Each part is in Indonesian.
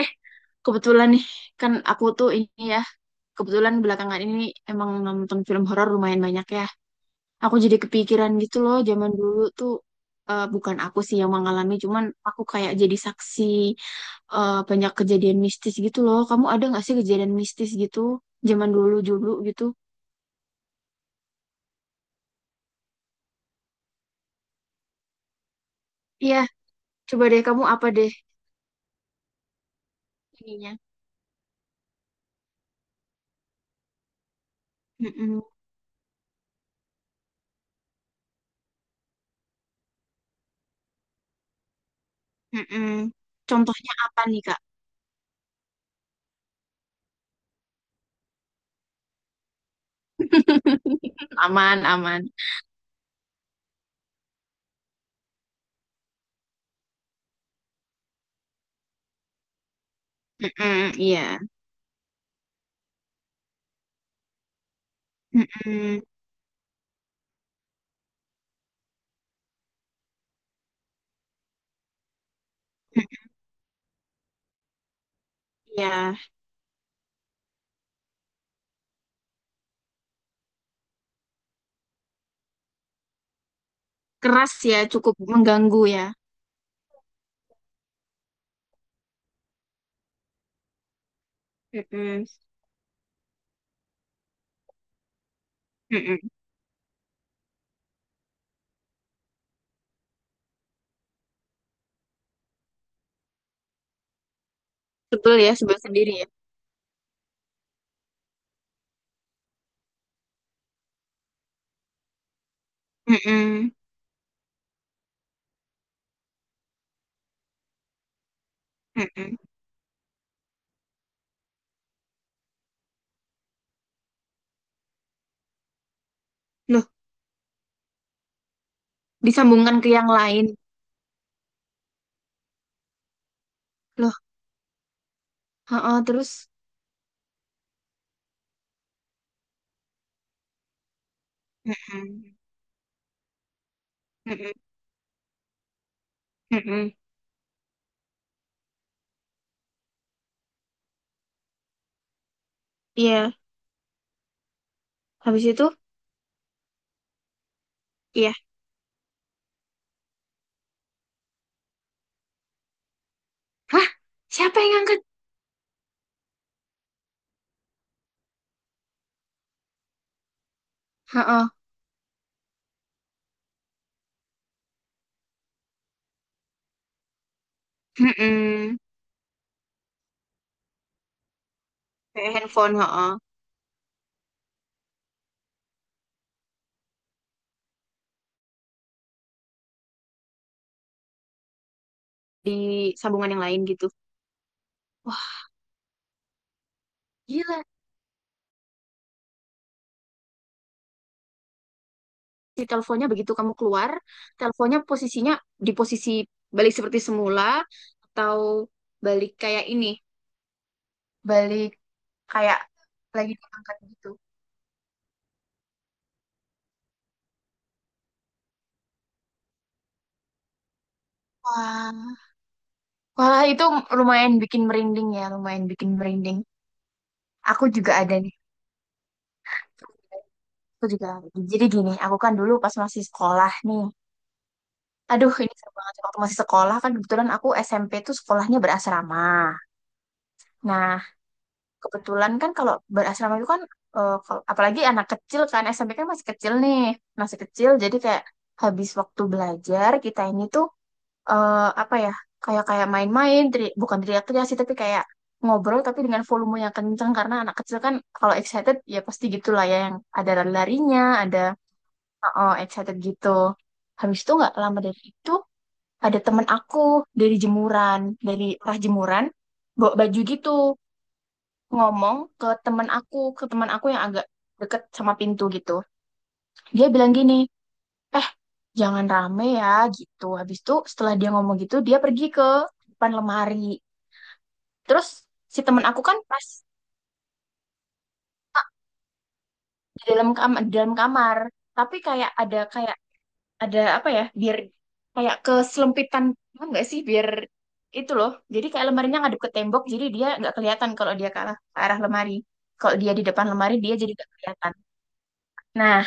Eh, kebetulan nih, kan aku tuh ini ya, kebetulan belakangan ini emang nonton film horor lumayan banyak ya. Aku jadi kepikiran gitu loh, zaman dulu tuh eh, bukan aku sih yang mengalami, cuman aku kayak jadi saksi eh, banyak kejadian mistis gitu loh. Kamu ada nggak sih kejadian mistis gitu zaman dulu dulu gitu? Iya, coba deh kamu apa deh ininya? Mm-mm, mm-mm. Contohnya apa nih Kak? Aman, aman. Mm-mm, iya. Mm-mm, mm-mm, iya. Keras ya, cukup mengganggu ya. Mm-mm. Mm-mm. Sebel ya, sebel sendiri ya. Mm-mm. Mm-mm. Loh, disambungkan ke yang lain. Loh, heeh, terus. Mm-mm. Mm-mm. Mm-mm. Iya, habis itu, iya. Hah? Siapa yang ngangkat? Heeh. Mm-mm. Kayak handphone, heeh. Di sambungan yang lain gitu. Wah, gila. Si teleponnya begitu kamu keluar, teleponnya posisinya di posisi balik seperti semula, atau balik kayak ini, balik kayak lagi diangkat gitu. Wah, wah itu lumayan bikin merinding ya, lumayan bikin merinding. Aku juga ada nih. Aku juga ada. Jadi gini, aku kan dulu pas masih sekolah nih. Aduh, ini seru banget. Waktu masih sekolah kan kebetulan aku SMP tuh sekolahnya berasrama. Nah, kebetulan kan kalau berasrama itu kan apalagi anak kecil kan SMP kan masih kecil nih, masih kecil. Jadi kayak habis waktu belajar kita ini tuh eh, apa ya, kayak kayak main-main bukan teriak-teriak sih tapi kayak ngobrol tapi dengan volume yang kencang karena anak kecil kan kalau excited ya pasti gitulah ya, yang ada lari-larinya, ada oh, excited gitu. Habis itu nggak lama dari itu ada temen aku dari jemuran, dari arah jemuran bawa baju gitu, ngomong ke temen aku ke teman aku yang agak deket sama pintu gitu. Dia bilang gini, eh jangan rame ya. Gitu, habis itu setelah dia ngomong gitu dia pergi ke depan lemari. Terus si temen aku kan pas di dalam kamar, tapi kayak ada apa ya, biar kayak keselempitan, paham nggak sih? Biar itu loh. Jadi kayak lemarinya ngadep ke tembok, jadi dia nggak kelihatan kalau dia ke arah lemari. Kalau dia di depan lemari, dia jadi nggak kelihatan. Nah,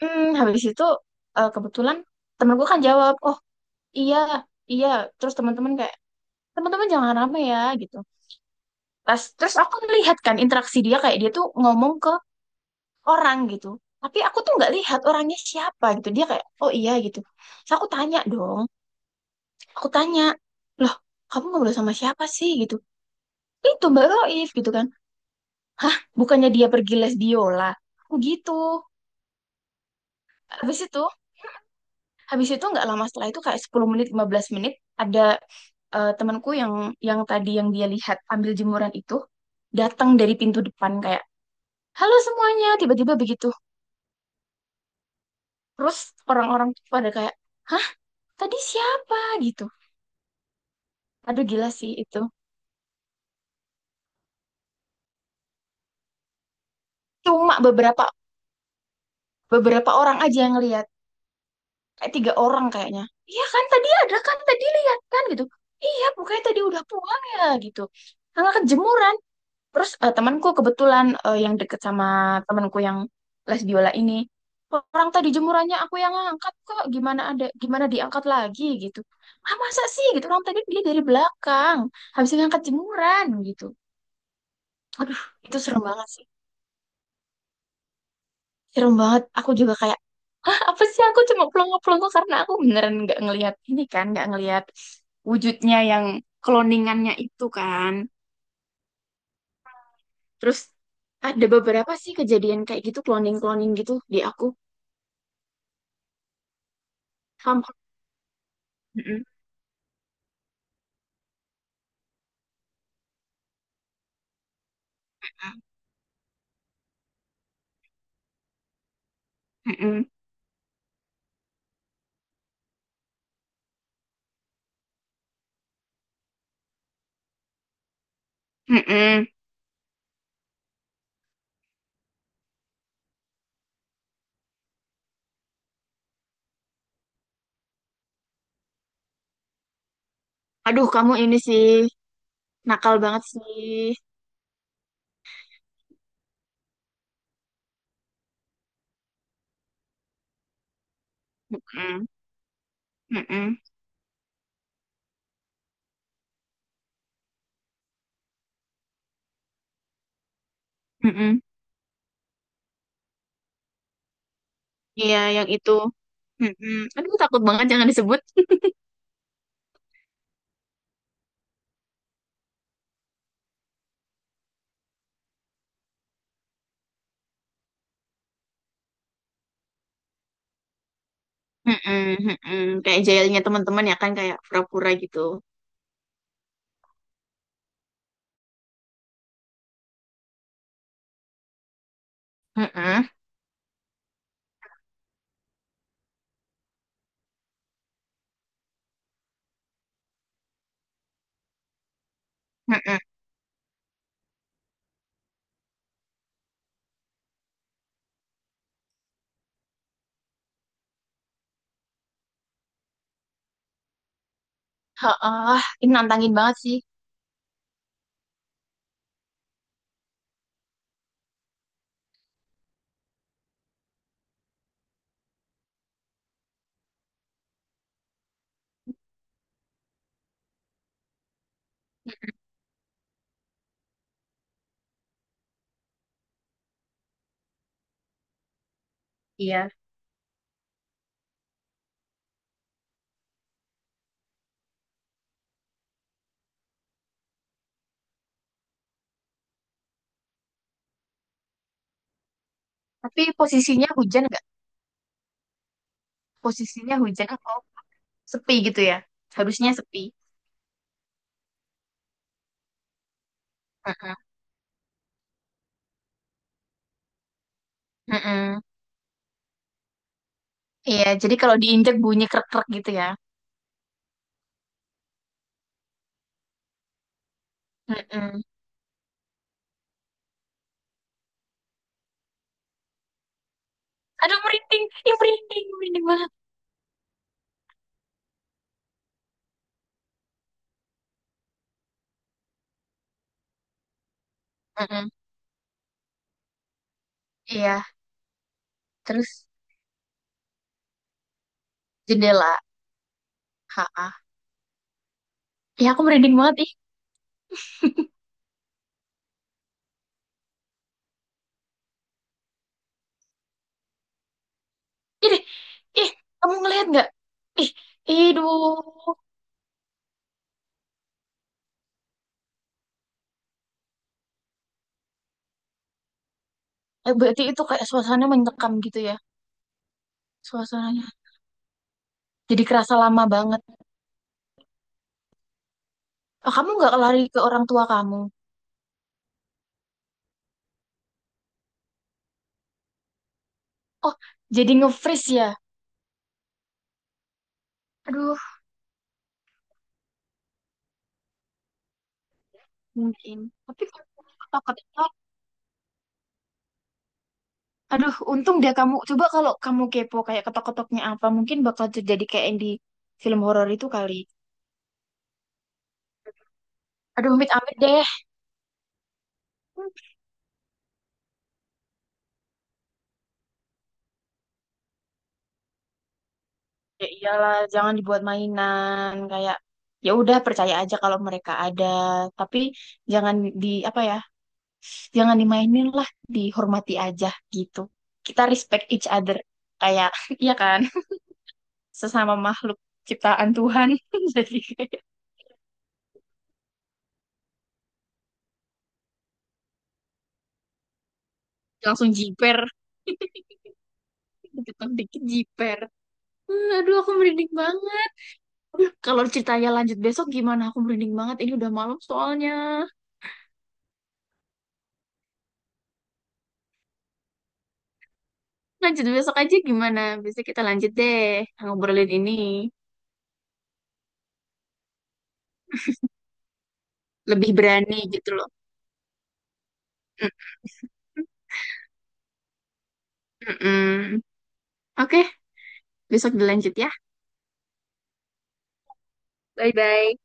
habis itu eh, kebetulan temenku kan jawab, oh iya, iya. Terus teman-teman jangan rame ya gitu. Terus aku melihat kan interaksi dia, kayak dia tuh ngomong ke orang gitu tapi aku tuh nggak lihat orangnya siapa gitu, dia kayak oh iya gitu. Terus aku tanya dong, aku tanya loh, kamu ngobrol sama siapa sih gitu. Eh, itu Mbak Roif gitu kan, bukannya dia pergi les biola? Aku gitu. Habis itu habis itu nggak lama setelah itu kayak 10 menit 15 menit, ada eh, temanku yang tadi yang dia lihat ambil jemuran itu datang dari pintu depan kayak halo semuanya tiba-tiba begitu. Terus orang-orang tuh pada kayak hah tadi siapa gitu. Aduh gila sih itu. Cuma beberapa beberapa orang aja yang lihat. Kayak tiga orang kayaknya. Iya kan tadi ada kan, tadi lihat kan gitu. Iya bukannya tadi udah pulang ya gitu. Karena kejemuran. Terus eh, temanku kebetulan eh, yang deket sama temanku yang les biola ini. Orang tadi jemurannya aku yang angkat kok. Gimana ada, gimana diangkat lagi gitu. Ah masa sih gitu, orang tadi dia dari belakang. Habis ngangkat jemuran gitu. Aduh itu serem banget sih. Serem banget. Aku juga kayak apa sih, aku cuma pelongo-pelongo karena aku beneran nggak ngelihat ini kan, nggak ngelihat wujudnya yang cloningannya itu kan. Terus ada beberapa sih kejadian kayak gitu, cloning-cloning gitu di aku. Kamu. Mm-mm. Mm-mm. Mm-mm. Aduh kamu ini sih, nakal banget sih. Mm-mm. Mm-mm. Mm-mm. Iya yang itu. Mm-mm. Aduh takut banget, jangan disebut. Mm-mm. Mm-mm. Kayak jailnya teman-teman ya kan, kayak pura-pura gitu. Mm-mm. Mm-mm. Heeh, ini nantangin banget sih. Iya. Tapi posisinya hujan nggak? Posisinya hujan atau sepi gitu ya. Harusnya sepi. Mm-mm. Mm-mm. Iya, jadi kalau diinjak bunyi krek-krek gitu ya. Mm-mm. Aduh, merinding. Ih, merinding. Merinding banget. Mm-mm. Iya, terus jendela. Ha. Ya, aku merinding banget. Ih, ih, deh. Ih, kamu ngelihat nggak? Ih, aduh. Eh, berarti itu kayak suasananya mencekam gitu ya. Suasananya. Jadi kerasa lama banget. Oh, kamu nggak lari ke orang tua kamu? Oh, jadi nge-freeze ya? Aduh, mungkin. Tapi kalau ketok-ketok, aduh, untung dia kamu. Coba kalau kamu kepo kayak ketok-ketoknya apa, mungkin bakal terjadi kayak yang di film horor itu kali. Aduh, amit-amit deh. Ya iyalah, jangan dibuat mainan. Kayak ya udah percaya aja kalau mereka ada, tapi jangan di apa ya? Jangan dimainin lah, dihormati aja gitu. Kita respect each other. Kayak, iya kan? Sesama makhluk ciptaan Tuhan jadi kayak langsung jiper dikit-dikit jiper. Aduh aku merinding banget. Aduh, kalau ceritanya lanjut besok gimana, aku merinding banget, ini udah malam soalnya. Lanjut besok aja gimana, besok kita lanjut deh ngobrolin ini, lebih berani gitu loh. Mm-mm. Mm-mm. Oke, besok dilanjut ya. Bye-bye.